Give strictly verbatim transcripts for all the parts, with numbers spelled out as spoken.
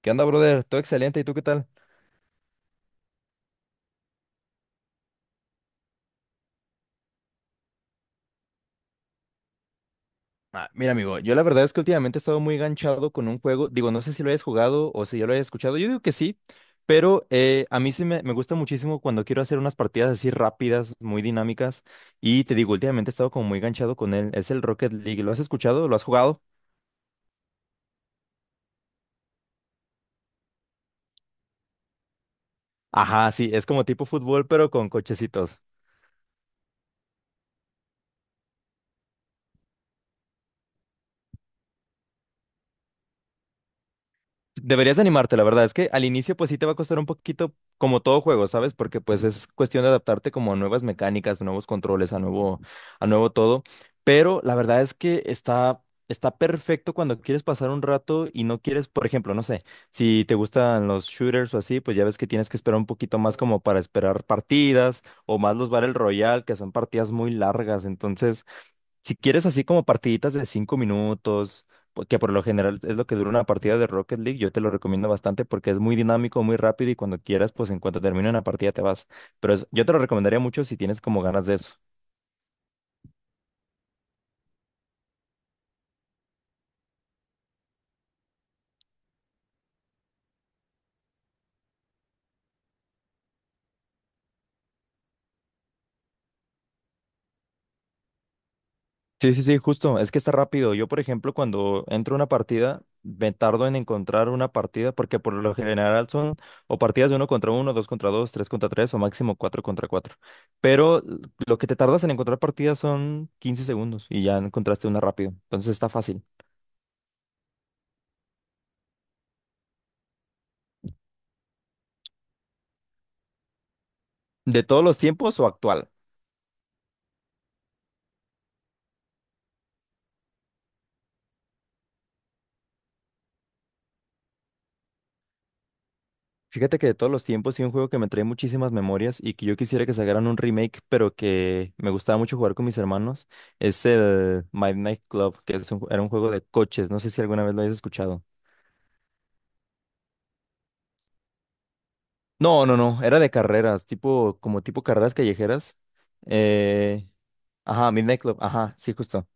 ¿Qué onda, brother? Todo excelente, ¿y tú qué tal? Ah, mira, amigo, yo la verdad es que últimamente he estado muy enganchado con un juego. Digo, no sé si lo hayas jugado o si ya lo hayas escuchado. Yo digo que sí, pero eh, a mí sí me, me gusta muchísimo cuando quiero hacer unas partidas así rápidas, muy dinámicas. Y te digo, últimamente he estado como muy enganchado con él. Es el Rocket League. ¿Lo has escuchado? ¿Lo has jugado? Ajá, sí, es como tipo fútbol, pero con cochecitos. Deberías de animarte, la verdad es que al inicio pues sí te va a costar un poquito como todo juego, ¿sabes? Porque pues es cuestión de adaptarte como a nuevas mecánicas, nuevos controles, a nuevo, a nuevo todo. Pero la verdad es que está, está perfecto cuando quieres pasar un rato y no quieres, por ejemplo, no sé, si te gustan los shooters o así, pues ya ves que tienes que esperar un poquito más como para esperar partidas o más los Battle Royale, que son partidas muy largas. Entonces, si quieres así como partiditas de cinco minutos, po- que por lo general es lo que dura una partida de Rocket League, yo te lo recomiendo bastante porque es muy dinámico, muy rápido y cuando quieras, pues en cuanto termine una partida te vas. Pero es- yo te lo recomendaría mucho si tienes como ganas de eso. Sí, sí, sí, justo. Es que está rápido. Yo, por ejemplo, cuando entro a una partida, me tardo en encontrar una partida porque por lo general son o partidas de uno contra uno, dos contra dos, tres contra tres o máximo cuatro contra cuatro. Pero l- lo que te tardas en encontrar partidas son quince segundos y ya encontraste una rápido. Entonces está fácil. ¿De todos los tiempos o actual? Fíjate que de todos los tiempos sí un juego que me trae muchísimas memorias y que yo quisiera que sacaran un remake, pero que me gustaba mucho jugar con mis hermanos, es el Midnight Club, que es un- era un juego de coches, no sé si alguna vez lo hayas escuchado. No, no, no, era de carreras, tipo, como tipo carreras callejeras. Eh, ajá, Midnight Club, ajá, sí, justo.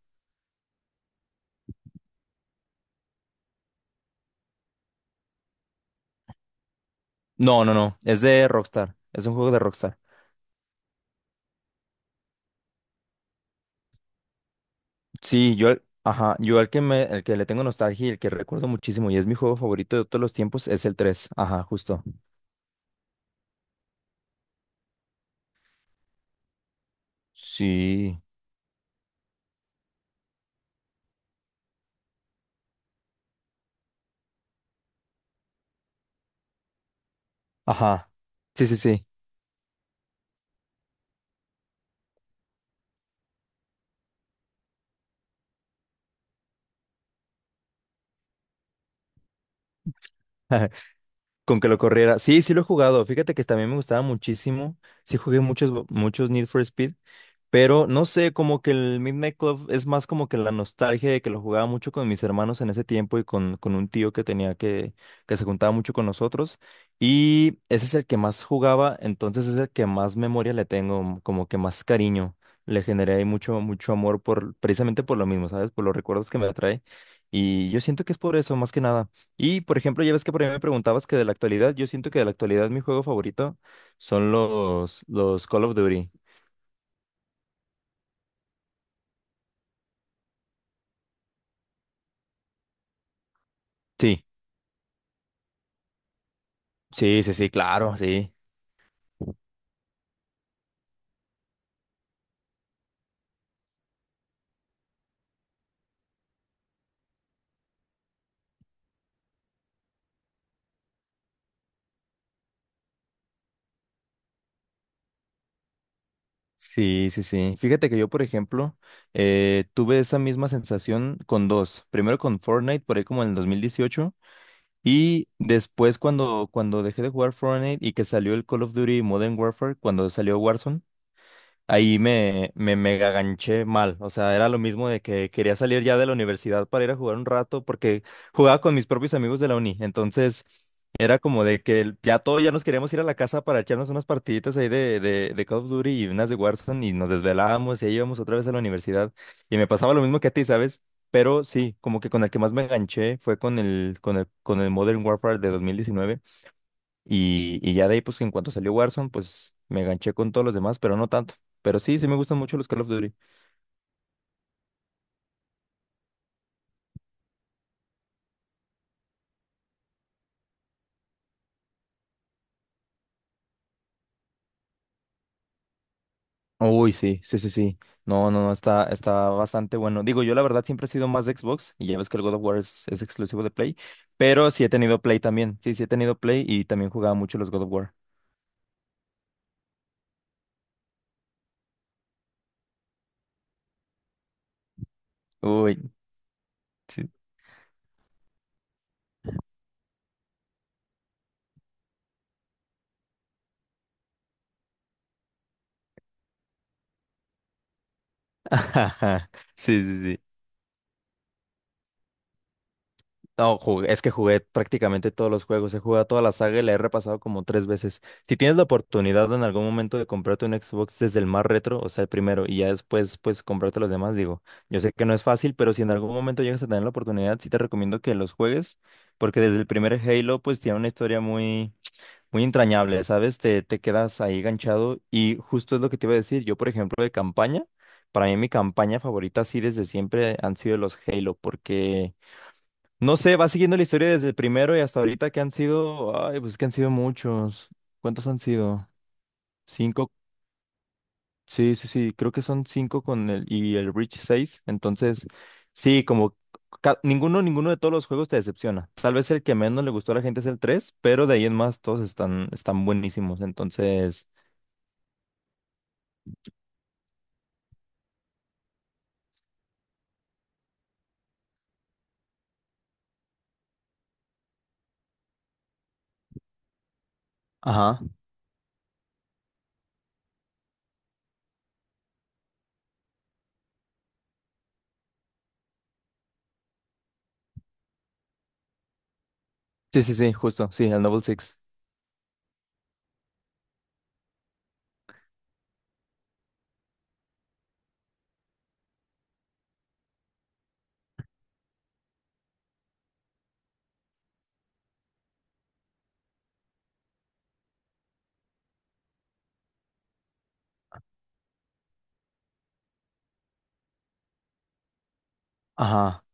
No, no, no, es de Rockstar, es un juego de Rockstar. Sí, yo, al- ajá, yo al que me, el que le tengo nostalgia y el que recuerdo muchísimo y es mi juego favorito de todos los tiempos es el tres. Ajá, justo. Sí. Ajá. Sí, sí, sí. Con que lo corriera. Sí, sí lo he jugado. Fíjate que también me gustaba muchísimo. Sí jugué muchos, muchos Need for Speed. Pero no sé, como que el Midnight Club es más como que la nostalgia de que lo jugaba mucho con mis hermanos en ese tiempo y con, con un tío que tenía que, que se juntaba mucho con nosotros. Y ese es el que más jugaba, entonces es el que más memoria le tengo, mm, como que más cariño. Le generé ahí mucho, mucho amor por, precisamente por lo mismo, ¿sabes? Por los recuerdos que me trae. Y yo siento que es por eso, más que nada. Y, por ejemplo, ya ves que por ahí me preguntabas que de la actualidad, yo siento que de la actualidad mi juego favorito son los, los Call of Duty. Sí. Sí, sí, sí, claro, sí. Sí, sí, sí. Fíjate que yo, por ejemplo, eh, tuve esa misma sensación con dos. Primero con Fortnite, por ahí como en el dos mil dieciocho. Y después cuando, cuando dejé de jugar Fortnite y que salió el Call of Duty Modern Warfare, cuando salió Warzone, ahí me, me mega ganché mal. O sea, era lo mismo de que quería salir ya de la universidad para ir a jugar un rato porque jugaba con mis propios amigos de la uni. Entonces, era como de que el- ya todos ya nos queríamos ir a la casa para echarnos unas partiditas ahí de, de, de Call of Duty y unas de Warzone y nos desvelábamos y ahí íbamos otra vez a la universidad. Y me pasaba lo mismo que a ti, ¿sabes? Pero sí, como que con el que más me enganché fue con el, con el, con el Modern Warfare de dos mil diecinueve. Y, y ya de ahí, pues en cuanto salió Warzone, pues me ganché con todos los demás, pero no tanto. Pero sí, sí me gustan mucho los Call of Duty. Uy, sí, sí, sí, sí. No, no, no, está, está bastante bueno. Digo, yo la verdad siempre he sido más de Xbox y ya ves que el God of War es, es exclusivo de Play, pero sí he tenido Play también. Sí, sí he tenido Play y también jugaba mucho los God of War. Uy, sí. Sí, sí, sí. No, jugué- es que jugué prácticamente todos los juegos, he jugado toda la saga y la he repasado como tres veces. Si tienes la oportunidad en algún momento de comprarte un Xbox desde el más retro, o sea, el primero, y ya después, pues, comprarte los demás, digo, yo sé que no es fácil, pero si en algún momento llegas a tener la oportunidad, sí te recomiendo que los juegues, porque desde el primer Halo, pues, tiene una historia muy, muy entrañable, ¿sabes? Te, te quedas ahí ganchado y justo es lo que te iba a decir. Yo, por ejemplo, de campaña, para mí mi campaña favorita, sí, desde siempre han sido los Halo, porque... No sé, va siguiendo la historia desde el primero y hasta ahorita que han sido, ay, pues que han sido muchos. ¿Cuántos han sido? Cinco. Sí, sí, sí, creo que son cinco con el y el Reach seis. Entonces, sí, como ca- ninguno, ninguno de todos los juegos te decepciona. Tal vez el que menos le gustó a la gente es el tres, pero de ahí en más todos están, están buenísimos. Entonces, ajá. Sí, sí, sí, justo, sí, el Noble Six. Ajá.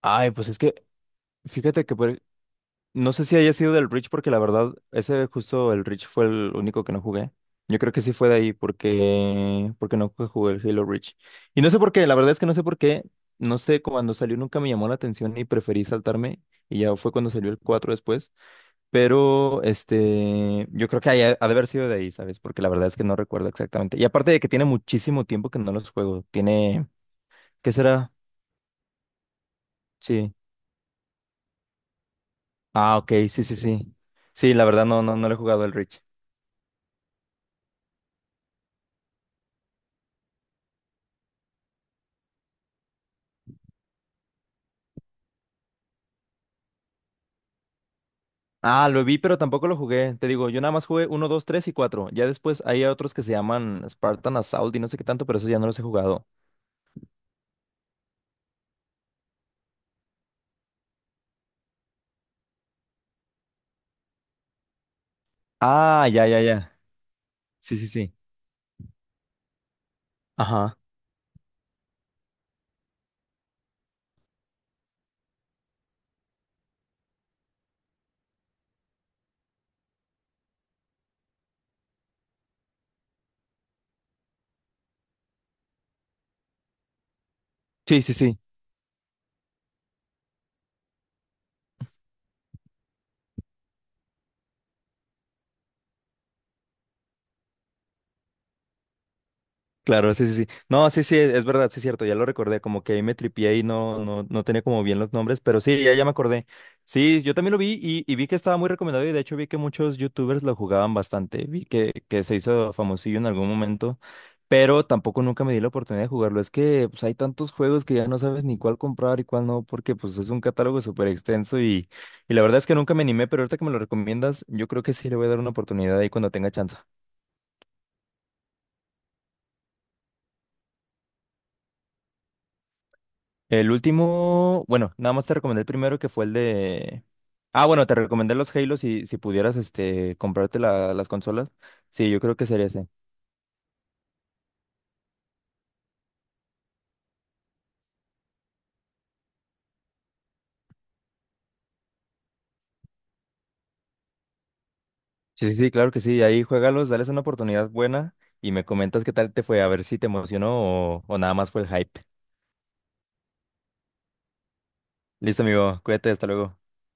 Ay, pues es que, fíjate que por, no sé si haya sido del Reach porque la verdad, ese justo el Reach fue el único que no jugué. Yo creo que sí fue de ahí porque, porque no jugué el Halo Reach. Y no sé por qué, la verdad es que no sé por qué. No sé, cuando salió nunca me llamó la atención y preferí saltarme. Y ya fue cuando salió el cuatro después. Pero este, yo creo que haya- ha de haber sido de ahí, ¿sabes? Porque la verdad es que no recuerdo exactamente. Y aparte de que tiene muchísimo tiempo que no los juego. Tiene, ¿qué será? Sí. Ah, ok, sí, sí, sí. Sí, la verdad no, no, no le he jugado el Reach. Ah, lo vi, pero tampoco lo jugué. Te digo, yo nada más jugué uno, dos, tres y cuatro. Ya después hay otros que se llaman Spartan Assault y no sé qué tanto, pero esos ya no los he jugado. Ah, ya, ya, ya. Sí, sí, sí. Ajá. Sí, sí, sí. Claro, sí, sí, sí. No, sí, sí, es verdad, sí es cierto, ya lo recordé, como que ahí me tripié y no, no, no tenía como bien los nombres, pero sí, ya, ya me acordé. Sí, yo también lo vi y, y vi que estaba muy recomendado y de hecho vi que muchos youtubers lo jugaban bastante, vi que, que se hizo famosillo en algún momento, pero tampoco nunca me di la oportunidad de jugarlo. Es que pues, hay tantos juegos que ya no sabes ni cuál comprar y cuál no, porque pues es un catálogo súper extenso y, y la verdad es que nunca me animé, pero ahorita que me lo recomiendas, yo creo que sí le voy a dar una oportunidad ahí cuando tenga chance. El último, bueno, nada más te recomendé el primero que fue el de... Ah, bueno, te recomendé los Halo si, si pudieras este, comprarte la- las consolas. Sí, yo creo que sería ese. Sí, sí, sí, claro que sí. Ahí juégalos, dales una oportunidad buena y me comentas qué tal te fue, a ver si te emocionó o, o nada más fue el hype. Listo, amigo, cuídate, hasta luego.